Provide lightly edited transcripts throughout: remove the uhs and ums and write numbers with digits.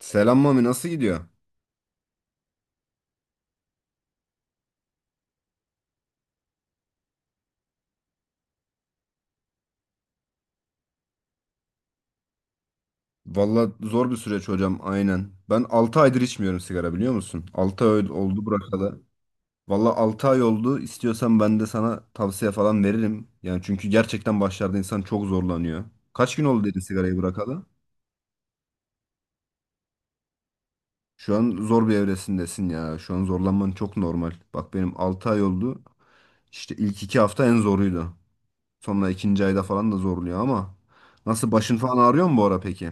Selam Mami, nasıl gidiyor? Valla zor bir süreç hocam, aynen. Ben 6 aydır içmiyorum sigara, biliyor musun? 6 ay oldu bırakalı. Valla 6 ay oldu. İstiyorsan ben de sana tavsiye falan veririm. Yani çünkü gerçekten başlarda insan çok zorlanıyor. Kaç gün oldu dedin sigarayı bırakalı? Şu an zor bir evresindesin ya. Şu an zorlanman çok normal. Bak benim 6 ay oldu. İşte ilk 2 hafta en zoruydu. Sonra ikinci ayda falan da zorluyor ama. Nasıl, başın falan ağrıyor mu bu ara peki?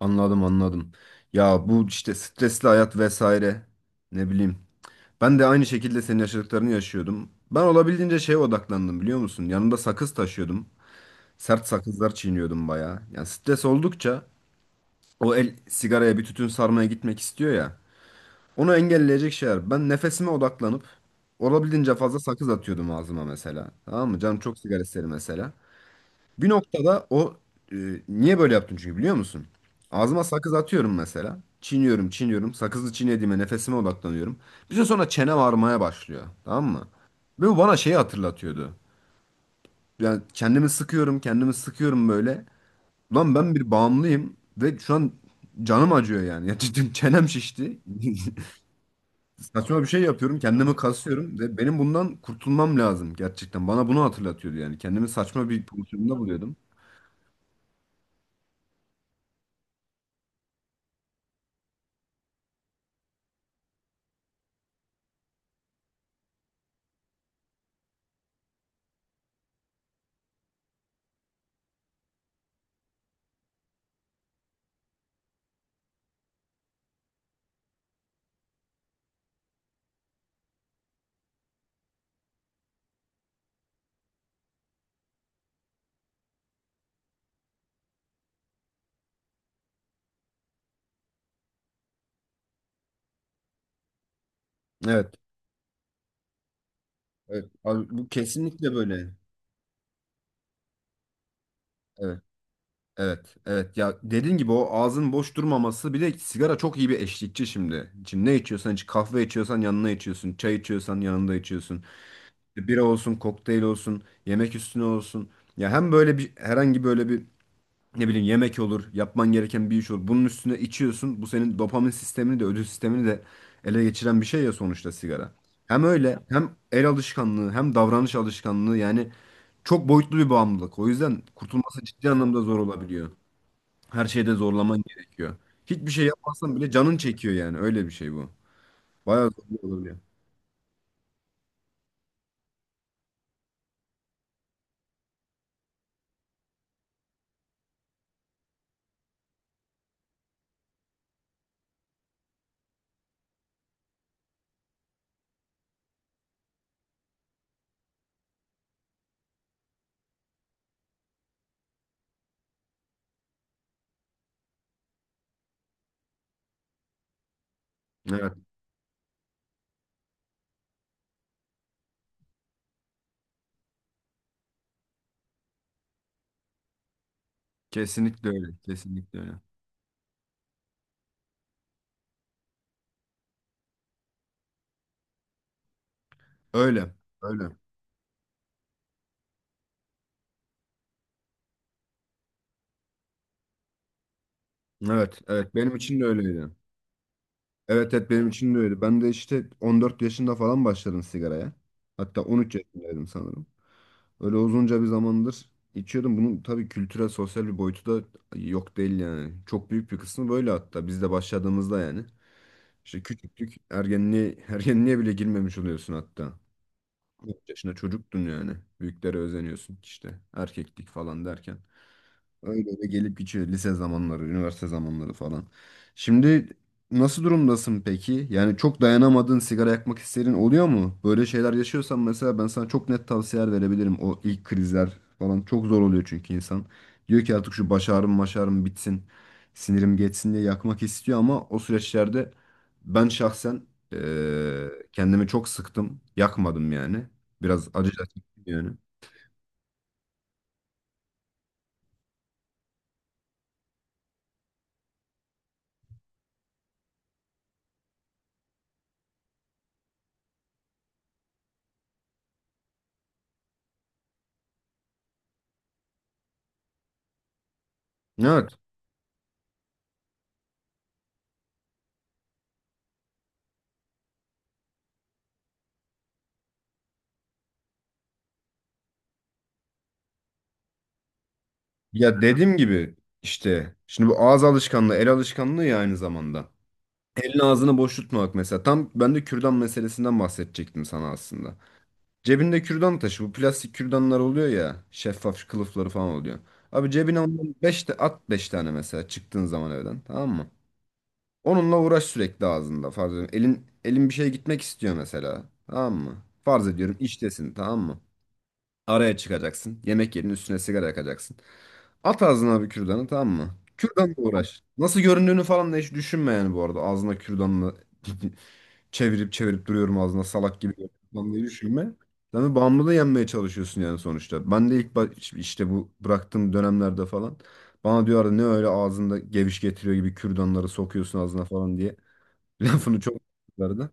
Anladım, anladım. Ya bu işte stresli hayat vesaire, ne bileyim. Ben de aynı şekilde senin yaşadıklarını yaşıyordum. Ben olabildiğince şeye odaklandım, biliyor musun? Yanımda sakız taşıyordum. Sert sakızlar çiğniyordum bayağı. Yani stres oldukça o el sigaraya, bir tütün sarmaya gitmek istiyor ya. Onu engelleyecek şeyler. Ben nefesime odaklanıp olabildiğince fazla sakız atıyordum ağzıma mesela. Tamam mı? Canım çok sigara istedi mesela. Bir noktada o e, niye böyle yaptım çünkü, biliyor musun? Ağzıma sakız atıyorum mesela. Çiğniyorum, çiğniyorum. Sakızı çiğnediğime nefesime odaklanıyorum. Bir süre sonra çene varmaya başlıyor. Tamam mı? Ve bu bana şeyi hatırlatıyordu. Yani kendimi sıkıyorum, kendimi sıkıyorum böyle. Lan ben bir bağımlıyım ve şu an canım acıyor yani. Ya cidden çenem şişti. Saçma bir şey yapıyorum, kendimi kasıyorum ve benim bundan kurtulmam lazım gerçekten. Bana bunu hatırlatıyordu yani. Kendimi saçma bir pozisyonda buluyordum. Evet. Evet, abi, bu kesinlikle böyle. Evet, evet, evet. Ya dediğin gibi o ağzın boş durmaması, bir de sigara çok iyi bir eşlikçi şimdi. Şimdi ne içiyorsan iç, kahve içiyorsan yanına içiyorsun, çay içiyorsan yanında içiyorsun. İşte bira olsun, kokteyl olsun, yemek üstüne olsun. Ya hem böyle bir herhangi böyle bir ne bileyim yemek olur, yapman gereken bir iş olur. Bunun üstüne içiyorsun. Bu senin dopamin sistemini de, ödül sistemini de ele geçiren bir şey ya sonuçta sigara. Hem öyle, hem el alışkanlığı, hem davranış alışkanlığı yani, çok boyutlu bir bağımlılık. O yüzden kurtulması ciddi anlamda zor olabiliyor. Her şeyde zorlaman gerekiyor. Hiçbir şey yapmazsan bile canın çekiyor yani. Öyle bir şey bu. Bayağı zor olabiliyor. Evet, kesinlikle öyle. Kesinlikle öyle. Öyle. Öyle. Evet, evet. Benim için de öyleydi. Evet, evet, benim için de öyle. Ben de işte 14 yaşında falan başladım sigaraya. Hatta 13 yaşındaydım sanırım. Öyle uzunca bir zamandır içiyordum. Bunun tabii kültürel, sosyal bir boyutu da yok değil yani. Çok büyük bir kısmı böyle, hatta biz de başladığımızda yani. İşte küçüklük, ergenliğe, ergenliğe bile girmemiş oluyorsun hatta. 13 yaşında çocuktun yani. Büyüklere özeniyorsun işte. Erkeklik falan derken. Öyle öyle gelip geçiyor lise zamanları, üniversite zamanları falan. Şimdi nasıl durumdasın peki? Yani çok dayanamadığın, sigara yakmak isterin oluyor mu? Böyle şeyler yaşıyorsan mesela ben sana çok net tavsiyeler verebilirim. O ilk krizler falan çok zor oluyor çünkü insan. Diyor ki artık şu baş ağrım maş ağrım bitsin. Sinirim geçsin diye yakmak istiyor ama o süreçlerde ben şahsen kendimi çok sıktım. Yakmadım yani. Biraz acı da çektim yani. Evet. Ya dediğim gibi işte şimdi bu ağız alışkanlığı, el alışkanlığı ya aynı zamanda. Elin ağzını boş tutmamak mesela. Tam ben de kürdan meselesinden bahsedecektim sana aslında. Cebinde kürdan taşı. Bu plastik kürdanlar oluyor ya. Şeffaf kılıfları falan oluyor. Abi cebine ondan 5 de at, 5 tane mesela, çıktığın zaman evden, tamam mı? Onunla uğraş sürekli ağzında, farz ediyorum. Elin bir şeye gitmek istiyor mesela. Tamam mı? Farz ediyorum iştesin, tamam mı? Araya çıkacaksın. Yemek yerinin üstüne sigara yakacaksın. At ağzına bir kürdanı, tamam mı? Kürdanla uğraş. Nasıl göründüğünü falan da hiç düşünme yani bu arada. Ağzına kürdanla çevirip çevirip duruyorum ağzına salak gibi falan diye düşünme. Sen de bağımlılığı yenmeye çalışıyorsun yani sonuçta. Ben de işte bu bıraktığım dönemlerde falan bana diyorlardı ne öyle ağzında geviş getiriyor gibi kürdanları sokuyorsun ağzına falan diye. Lafını çok yapıyorlardı.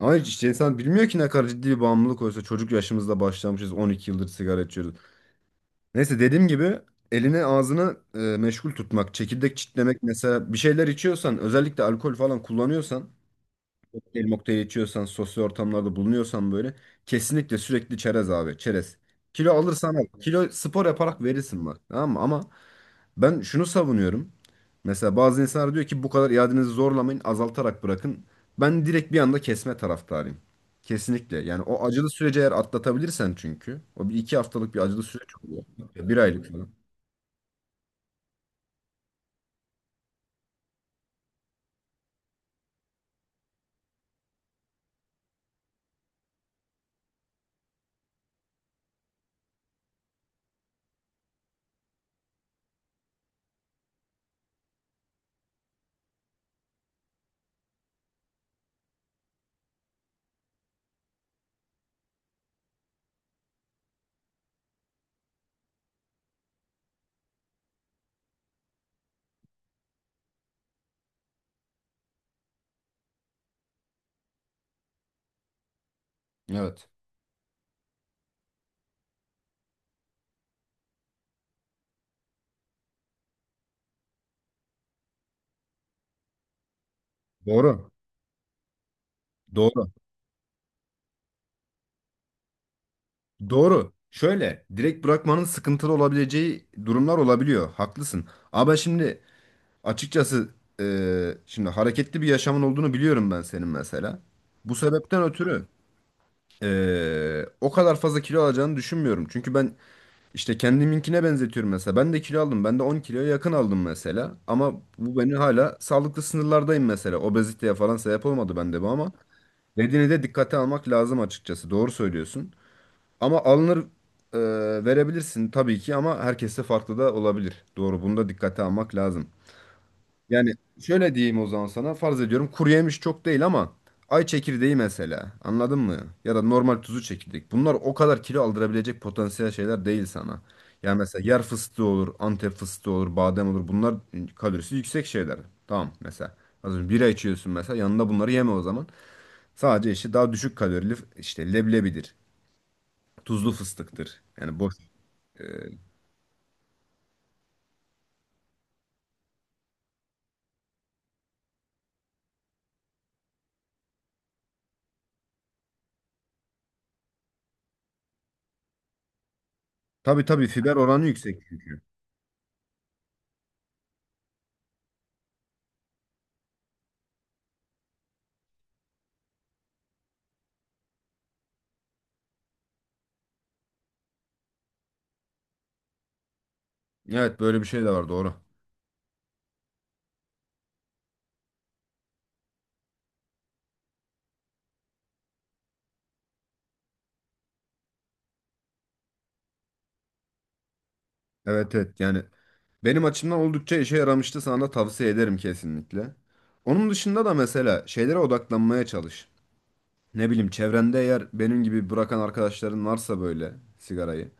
Ama hiç işte insan bilmiyor ki ne kadar ciddi bir bağımlılık, oysa çocuk yaşımızda başlamışız, 12 yıldır sigara içiyoruz. Neyse, dediğim gibi elini ağzını meşgul tutmak, çekirdek çitlemek mesela, bir şeyler içiyorsan, özellikle alkol falan kullanıyorsan, kokteyl mokteyl içiyorsan, sosyal ortamlarda bulunuyorsan böyle, kesinlikle sürekli çerez abi, çerez. Kilo alırsan al. Kilo spor yaparak verirsin bak, tamam mı? Ama ben şunu savunuyorum. Mesela bazı insanlar diyor ki bu kadar iadenizi zorlamayın, azaltarak bırakın. Ben direkt bir anda kesme taraftarıyım. Kesinlikle. Yani o acılı süreci eğer atlatabilirsen çünkü. O bir iki haftalık bir acılı süreç oluyor. Bir aylık falan. Evet. Doğru. Doğru. Doğru. Şöyle, direkt bırakmanın sıkıntılı olabileceği durumlar olabiliyor. Haklısın. Ama şimdi açıkçası şimdi hareketli bir yaşamın olduğunu biliyorum ben senin mesela. Bu sebepten ötürü o kadar fazla kilo alacağını düşünmüyorum. Çünkü ben işte kendiminkine benzetiyorum mesela. Ben de kilo aldım. Ben de 10 kiloya yakın aldım mesela. Ama bu beni, hala sağlıklı sınırlardayım mesela. Obeziteye falan sebep olmadı bende bu ama. Dediğini de dikkate almak lazım açıkçası. Doğru söylüyorsun. Ama alınır, e, verebilirsin tabii ki, ama herkeste farklı da olabilir. Doğru, bunu da dikkate almak lazım. Yani şöyle diyeyim o zaman sana, farz ediyorum kuru yemiş çok değil, ama ay çekirdeği mesela, anladın mı? Ya da normal tuzlu çekirdek. Bunlar o kadar kilo aldırabilecek potansiyel şeyler değil sana. Yani mesela yer fıstığı olur, Antep fıstığı olur, badem olur. Bunlar kalorisi yüksek şeyler. Tamam mesela. Az önce bira içiyorsun mesela, yanında bunları yeme o zaman. Sadece işte daha düşük kalorili, işte leblebidir. Tuzlu fıstıktır. Yani boş. E, tabii tabii, fiber oranı yüksek çünkü. Evet, böyle bir şey de var, doğru. Evet evet, yani benim açımdan oldukça işe yaramıştı, sana da tavsiye ederim kesinlikle. Onun dışında da mesela şeylere odaklanmaya çalış. Ne bileyim, çevrende eğer benim gibi bırakan arkadaşların varsa böyle sigarayı.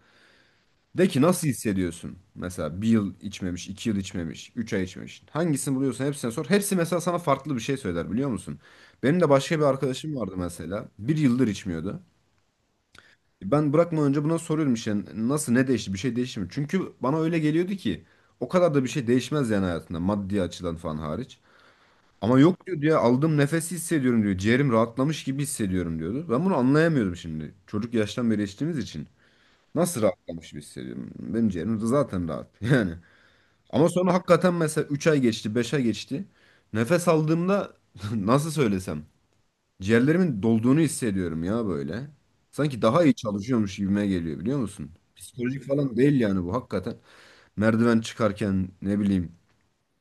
De ki nasıl hissediyorsun? Mesela bir yıl içmemiş, 2 yıl içmemiş, 3 ay içmemiş. Hangisini buluyorsan hepsine sor. Hepsi mesela sana farklı bir şey söyler, biliyor musun? Benim de başka bir arkadaşım vardı mesela. Bir yıldır içmiyordu. Ben bırakmadan önce buna soruyorum işte, nasıl, ne değişti, bir şey değişti mi? Çünkü bana öyle geliyordu ki o kadar da bir şey değişmez yani hayatında, maddi açıdan falan hariç. Ama yok diyor ya, aldığım nefesi hissediyorum diyor. Ciğerim rahatlamış gibi hissediyorum diyordu. Ben bunu anlayamıyordum şimdi. Çocuk yaştan beri içtiğimiz için. Nasıl rahatlamış gibi hissediyorum? Benim ciğerim de zaten rahat yani. Ama sonra hakikaten mesela 3 ay geçti, 5 ay geçti. Nefes aldığımda nasıl söylesem, ciğerlerimin dolduğunu hissediyorum ya böyle. Sanki daha iyi çalışıyormuş gibime geliyor, biliyor musun? Psikolojik falan değil yani bu, hakikaten. Merdiven çıkarken ne bileyim,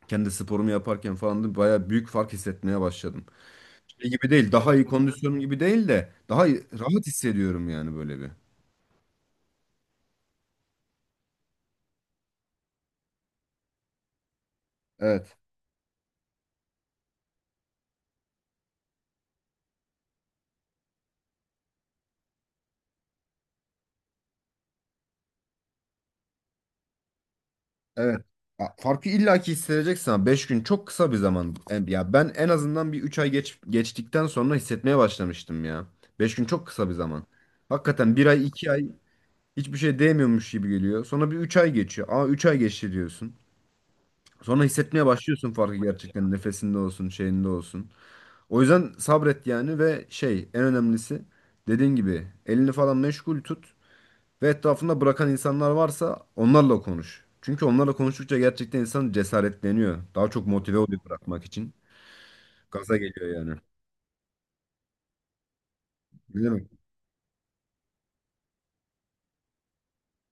kendi sporumu yaparken falan da bayağı büyük fark hissetmeye başladım. Şey gibi değil, daha iyi kondisyonum gibi değil de, rahat hissediyorum yani böyle bir. Evet, evet. Ya farkı illaki hissedeceksin, ama 5 gün çok kısa bir zaman. Ya ben en azından bir 3 ay geçtikten sonra hissetmeye başlamıştım ya. 5 gün çok kısa bir zaman. Hakikaten bir ay, iki ay hiçbir şey değmiyormuş gibi geliyor. Sonra bir 3 ay geçiyor. Aa, 3 ay geçti diyorsun. Sonra hissetmeye başlıyorsun farkı gerçekten. Nefesinde olsun, şeyinde olsun. O yüzden sabret yani, ve şey en önemlisi, dediğin gibi elini falan meşgul tut ve etrafında bırakan insanlar varsa onlarla konuş. Çünkü onlarla konuştukça gerçekten insan cesaretleniyor. Daha çok motive oluyor bırakmak için. Gaza geliyor yani. Güzel mi?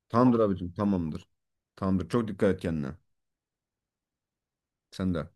Tamamdır abicim, tamamdır. Tamamdır. Çok dikkat et kendine. Sen de.